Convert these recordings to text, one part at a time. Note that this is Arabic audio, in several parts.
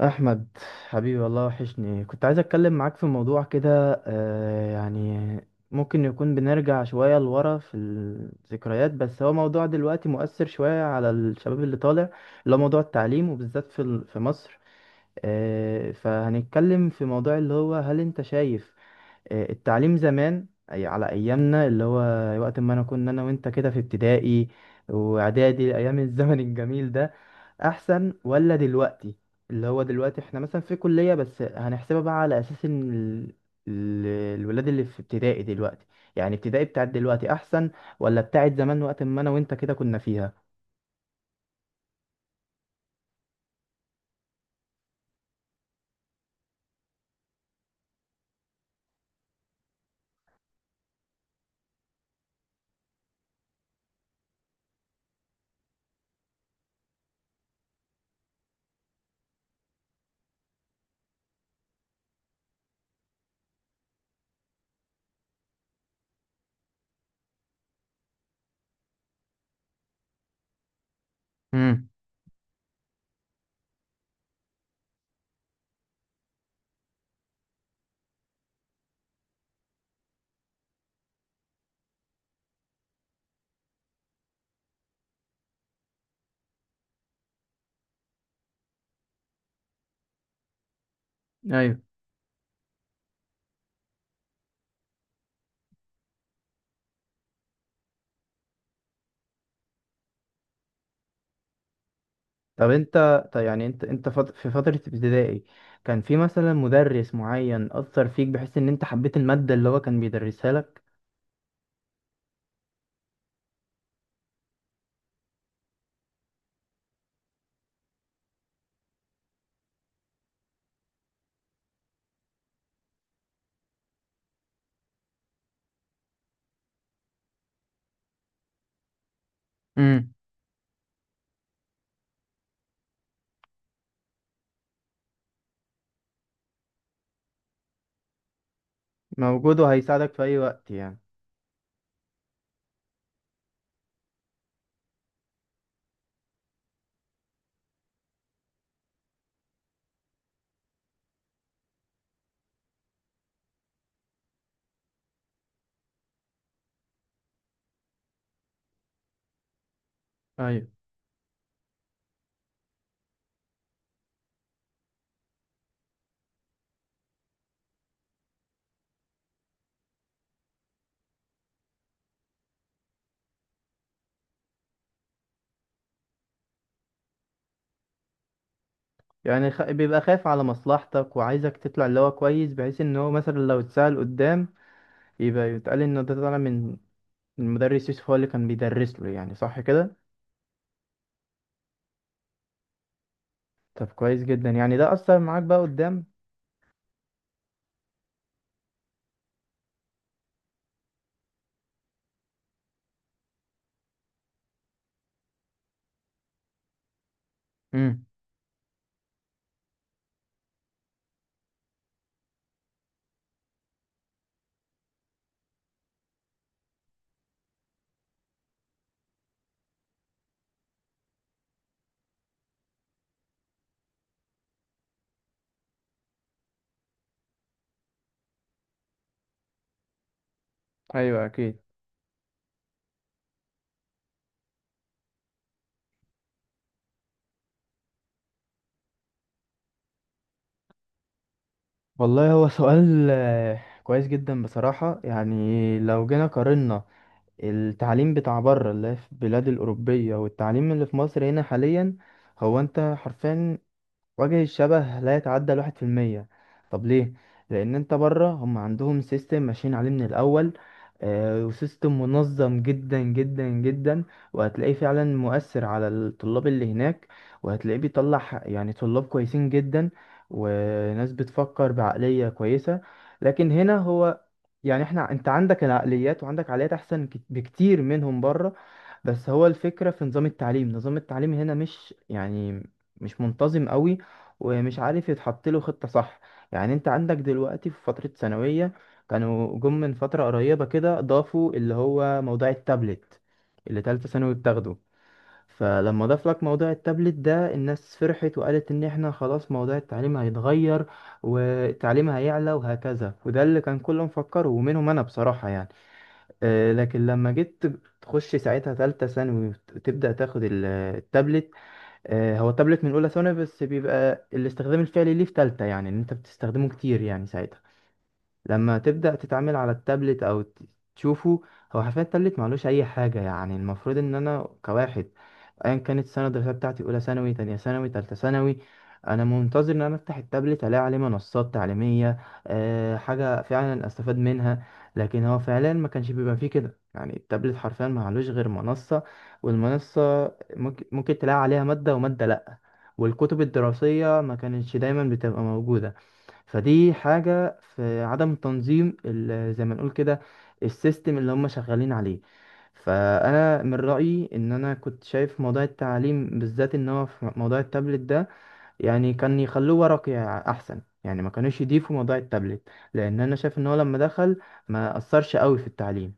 احمد، حبيبي، والله وحشني. كنت عايز اتكلم معاك في موضوع كده، ممكن يكون بنرجع شوية لورا في الذكريات، بس هو موضوع دلوقتي مؤثر شوية على الشباب اللي طالع، اللي هو موضوع التعليم، وبالذات في مصر. فهنتكلم في موضوع اللي هو، هل انت شايف التعليم زمان، أي على ايامنا، اللي هو وقت ما انا انا وانت كده في ابتدائي واعدادي، ايام الزمن الجميل ده، احسن ولا دلوقتي؟ اللي هو دلوقتي احنا مثلا في كلية، بس هنحسبها بقى على اساس ان ال- الولاد اللي في ابتدائي دلوقتي، يعني ابتدائي بتاعت دلوقتي احسن، ولا بتاعت زمان وقت ما انا وانت كده كنا فيها؟ امم ايوه. طب، يعني انت انت في فترة ابتدائي كان في مثلا مدرس معين اثر فيك بحيث ان انت حبيت المادة اللي هو كان بيدرسها لك؟ امم موجود وهيساعدك في اي وقت يعني؟ ايوه. يعني بيبقى خايف على مصلحتك وعايزك تطلع اللي هو كويس، بحيث ان هو مثلا لو اتسأل قدام يبقى يتقال ان ده طالع من المدرس يوسف، هو اللي كان بيدرس له، يعني صح كده؟ طب كويس جدا، يعني ده اثر معاك بقى قدام. امم ايوه اكيد. والله هو سؤال كويس جدا بصراحة. يعني لو جينا قارنا التعليم بتاع بره، اللي هي في البلاد الأوروبية، والتعليم اللي في مصر هنا حاليا، هو انت حرفيا وجه الشبه لا يتعدى 1%. طب ليه؟ لأن انت بره هم عندهم سيستم ماشيين عليه من الأول، وسيستم منظم جدا جدا جدا، وهتلاقيه فعلا مؤثر على الطلاب اللي هناك، وهتلاقيه بيطلع يعني طلاب كويسين جدا، وناس بتفكر بعقلية كويسة. لكن هنا هو، يعني احنا، انت عندك العقليات، وعندك عقليات احسن بكتير منهم بره. بس هو الفكرة في نظام التعليم، نظام التعليم هنا مش يعني، مش منتظم قوي، ومش عارف يتحط له خطة صح. يعني انت عندك دلوقتي في فترة ثانوية، كانوا جم من فترة قريبة كده ضافوا اللي هو موضوع التابلت اللي تالتة ثانوي بتاخده. فلما ضاف لك موضوع التابلت ده، الناس فرحت وقالت ان احنا خلاص موضوع التعليم هيتغير والتعليم هيعلى وهكذا، وده اللي كان كله مفكره، ومنهم انا بصراحة يعني. لكن لما جيت تخش ساعتها تالتة ثانوي، وتبدأ تاخد التابلت. هو التابلت من أولى ثانوي، بس بيبقى الاستخدام الفعلي ليه في تالتة، يعني إن أنت بتستخدمه كتير يعني ساعتها. لما تبدأ تتعامل على التابلت، أو تشوفه، هو حرفيا التابلت معلوش أي حاجة. يعني المفروض إن أنا كواحد، أيا كانت السنة الدراسية بتاعتي، أولى ثانوي، تانية ثانوي، تالتة ثانوي، أنا منتظر إن أنا أفتح التابلت ألاقي عليه منصات تعليمية، أه حاجة فعلا أستفاد منها. لكن هو فعلا ما كانش بيبقى فيه كده، يعني التابلت حرفيا معلوش غير منصة، والمنصة ممكن تلاقي عليها مادة، ومادة لأ. والكتب الدراسية ما كانتش دايما بتبقى موجودة. فدي حاجة في عدم تنظيم زي ما نقول كده السيستم اللي هم شغالين عليه. فأنا من رأيي إن أنا كنت شايف موضوع التعليم بالذات، إن هو في موضوع التابلت ده، يعني كان يخلوه ورقي أحسن. يعني ما كانوش يضيفوا موضوع التابلت، لأن أنا شايف إن هو لما دخل ما أثرش قوي في التعليم.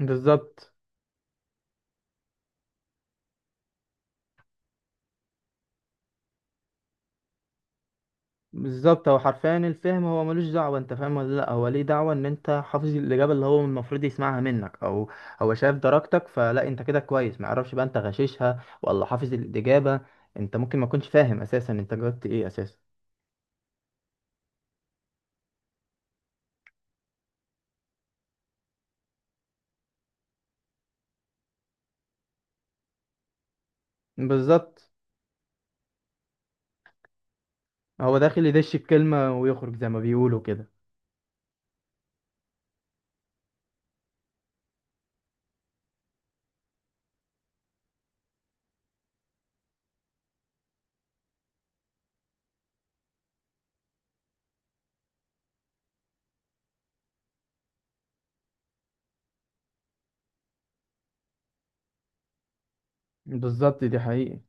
بالظبط. بالظبط، هو حرفيا الفهم هو ملوش دعوة انت فاهم ولا لا، هو ليه دعوة ان انت حافظ الإجابة اللي هو المفروض يسمعها منك، او هو شايف درجتك، فلا انت كده كويس. ما يعرفش بقى انت غششها ولا حافظ الإجابة. انت ممكن ما تكونش فاهم اساسا انت جاوبت ايه اساسا. بالظبط. هو داخل يدش الكلمة ويخرج، زي ما بيقولوا كده. بالظبط، دي حقيقي.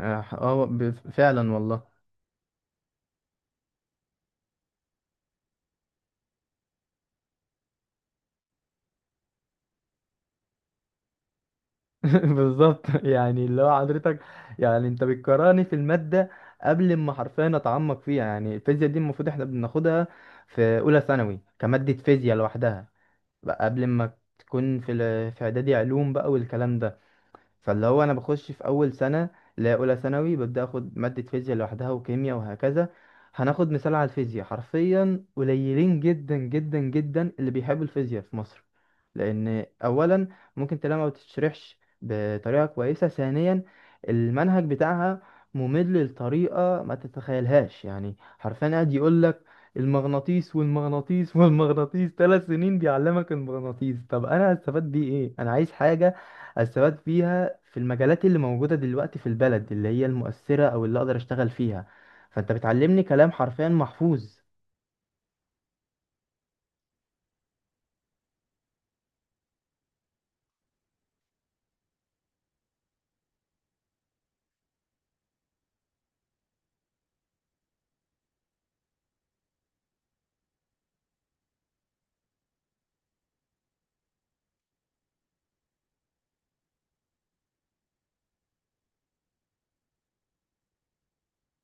فعلا والله. بالظبط، يعني اللي هو حضرتك، يعني انت بتكرهني في المادة قبل ما حرفيا اتعمق فيها. يعني الفيزياء دي المفروض احنا بناخدها في اولى ثانوي كمادة فيزياء لوحدها، بقى قبل ما تكون في اعدادي علوم بقى والكلام ده. فاللي هو انا بخش في اول سنة، لا، اولى ثانوي، ببدأ اخد مادة فيزياء لوحدها وكيمياء وهكذا. هناخد مثال على الفيزياء، حرفيا قليلين جدا جدا جدا اللي بيحبوا الفيزياء في مصر. لان اولا ممكن تلاقيها ما بتشرحش بطريقه كويسه. ثانيا المنهج بتاعها ممل لطريقه ما تتخيلهاش. يعني حرفيا قاعد يقول لك المغناطيس والمغناطيس والمغناطيس، 3 سنين بيعلمك المغناطيس. طب انا هستفاد بيه ايه؟ انا عايز حاجه استفاد بيها في المجالات اللي موجوده دلوقتي في البلد، اللي هي المؤثره، او اللي اقدر اشتغل فيها. فانت بتعلمني كلام حرفيا محفوظ.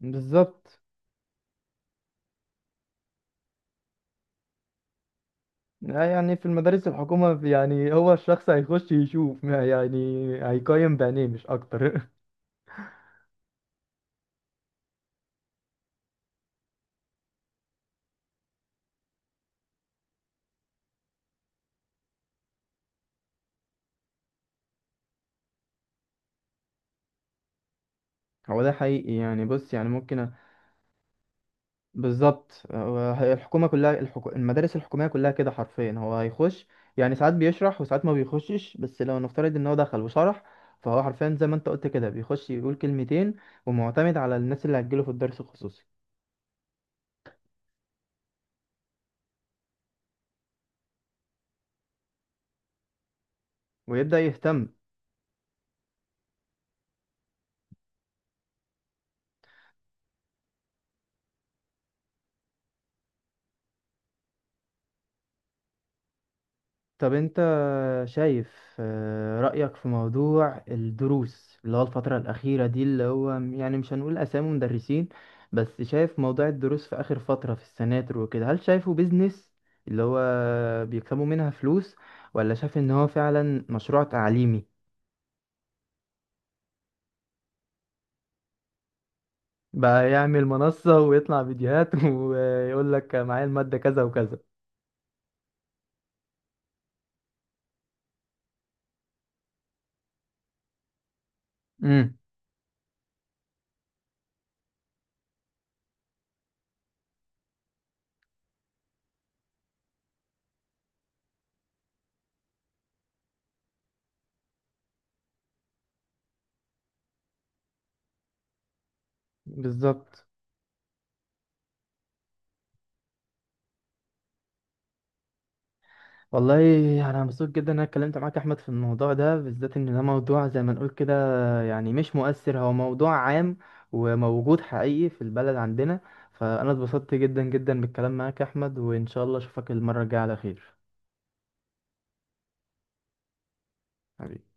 بالظبط. لا يعني في المدارس الحكومة، يعني هو الشخص هيخش يشوف ما يعني، هيقيم بعينيه مش أكتر. هو ده حقيقي. يعني بص، يعني ممكن بالظبط. هو، هي الحكومة كلها، المدارس الحكومية كلها كده حرفيا. هو هيخش يعني ساعات بيشرح، وساعات ما بيخشش، بس لو نفترض ان هو دخل وشرح، فهو حرفيا زي ما انت قلت كده بيخش يقول كلمتين، ومعتمد على الناس اللي هتجيله في الدرس الخصوصي ويبدأ يهتم. طب انت شايف رأيك في موضوع الدروس اللي هو الفترة الأخيرة دي، اللي هو يعني مش هنقول أسامي مدرسين، بس شايف موضوع الدروس في آخر فترة في السناتر وكده، هل شايفه بيزنس اللي هو بيكسبوا منها فلوس، ولا شايف إن هو فعلا مشروع تعليمي؟ بقى يعمل منصة ويطلع فيديوهات، ويقول لك معايا المادة كذا وكذا. امم بالظبط. والله يعني انا مبسوط جدا ان انا اتكلمت معاك يا احمد في الموضوع ده بالذات، ان ده موضوع زي ما نقول كده، يعني مش مؤثر، هو موضوع عام، وموجود حقيقي في البلد عندنا. فانا اتبسطت جدا جدا بالكلام معاك يا احمد، وان شاء الله اشوفك المرة الجاية على خير. حبيبي.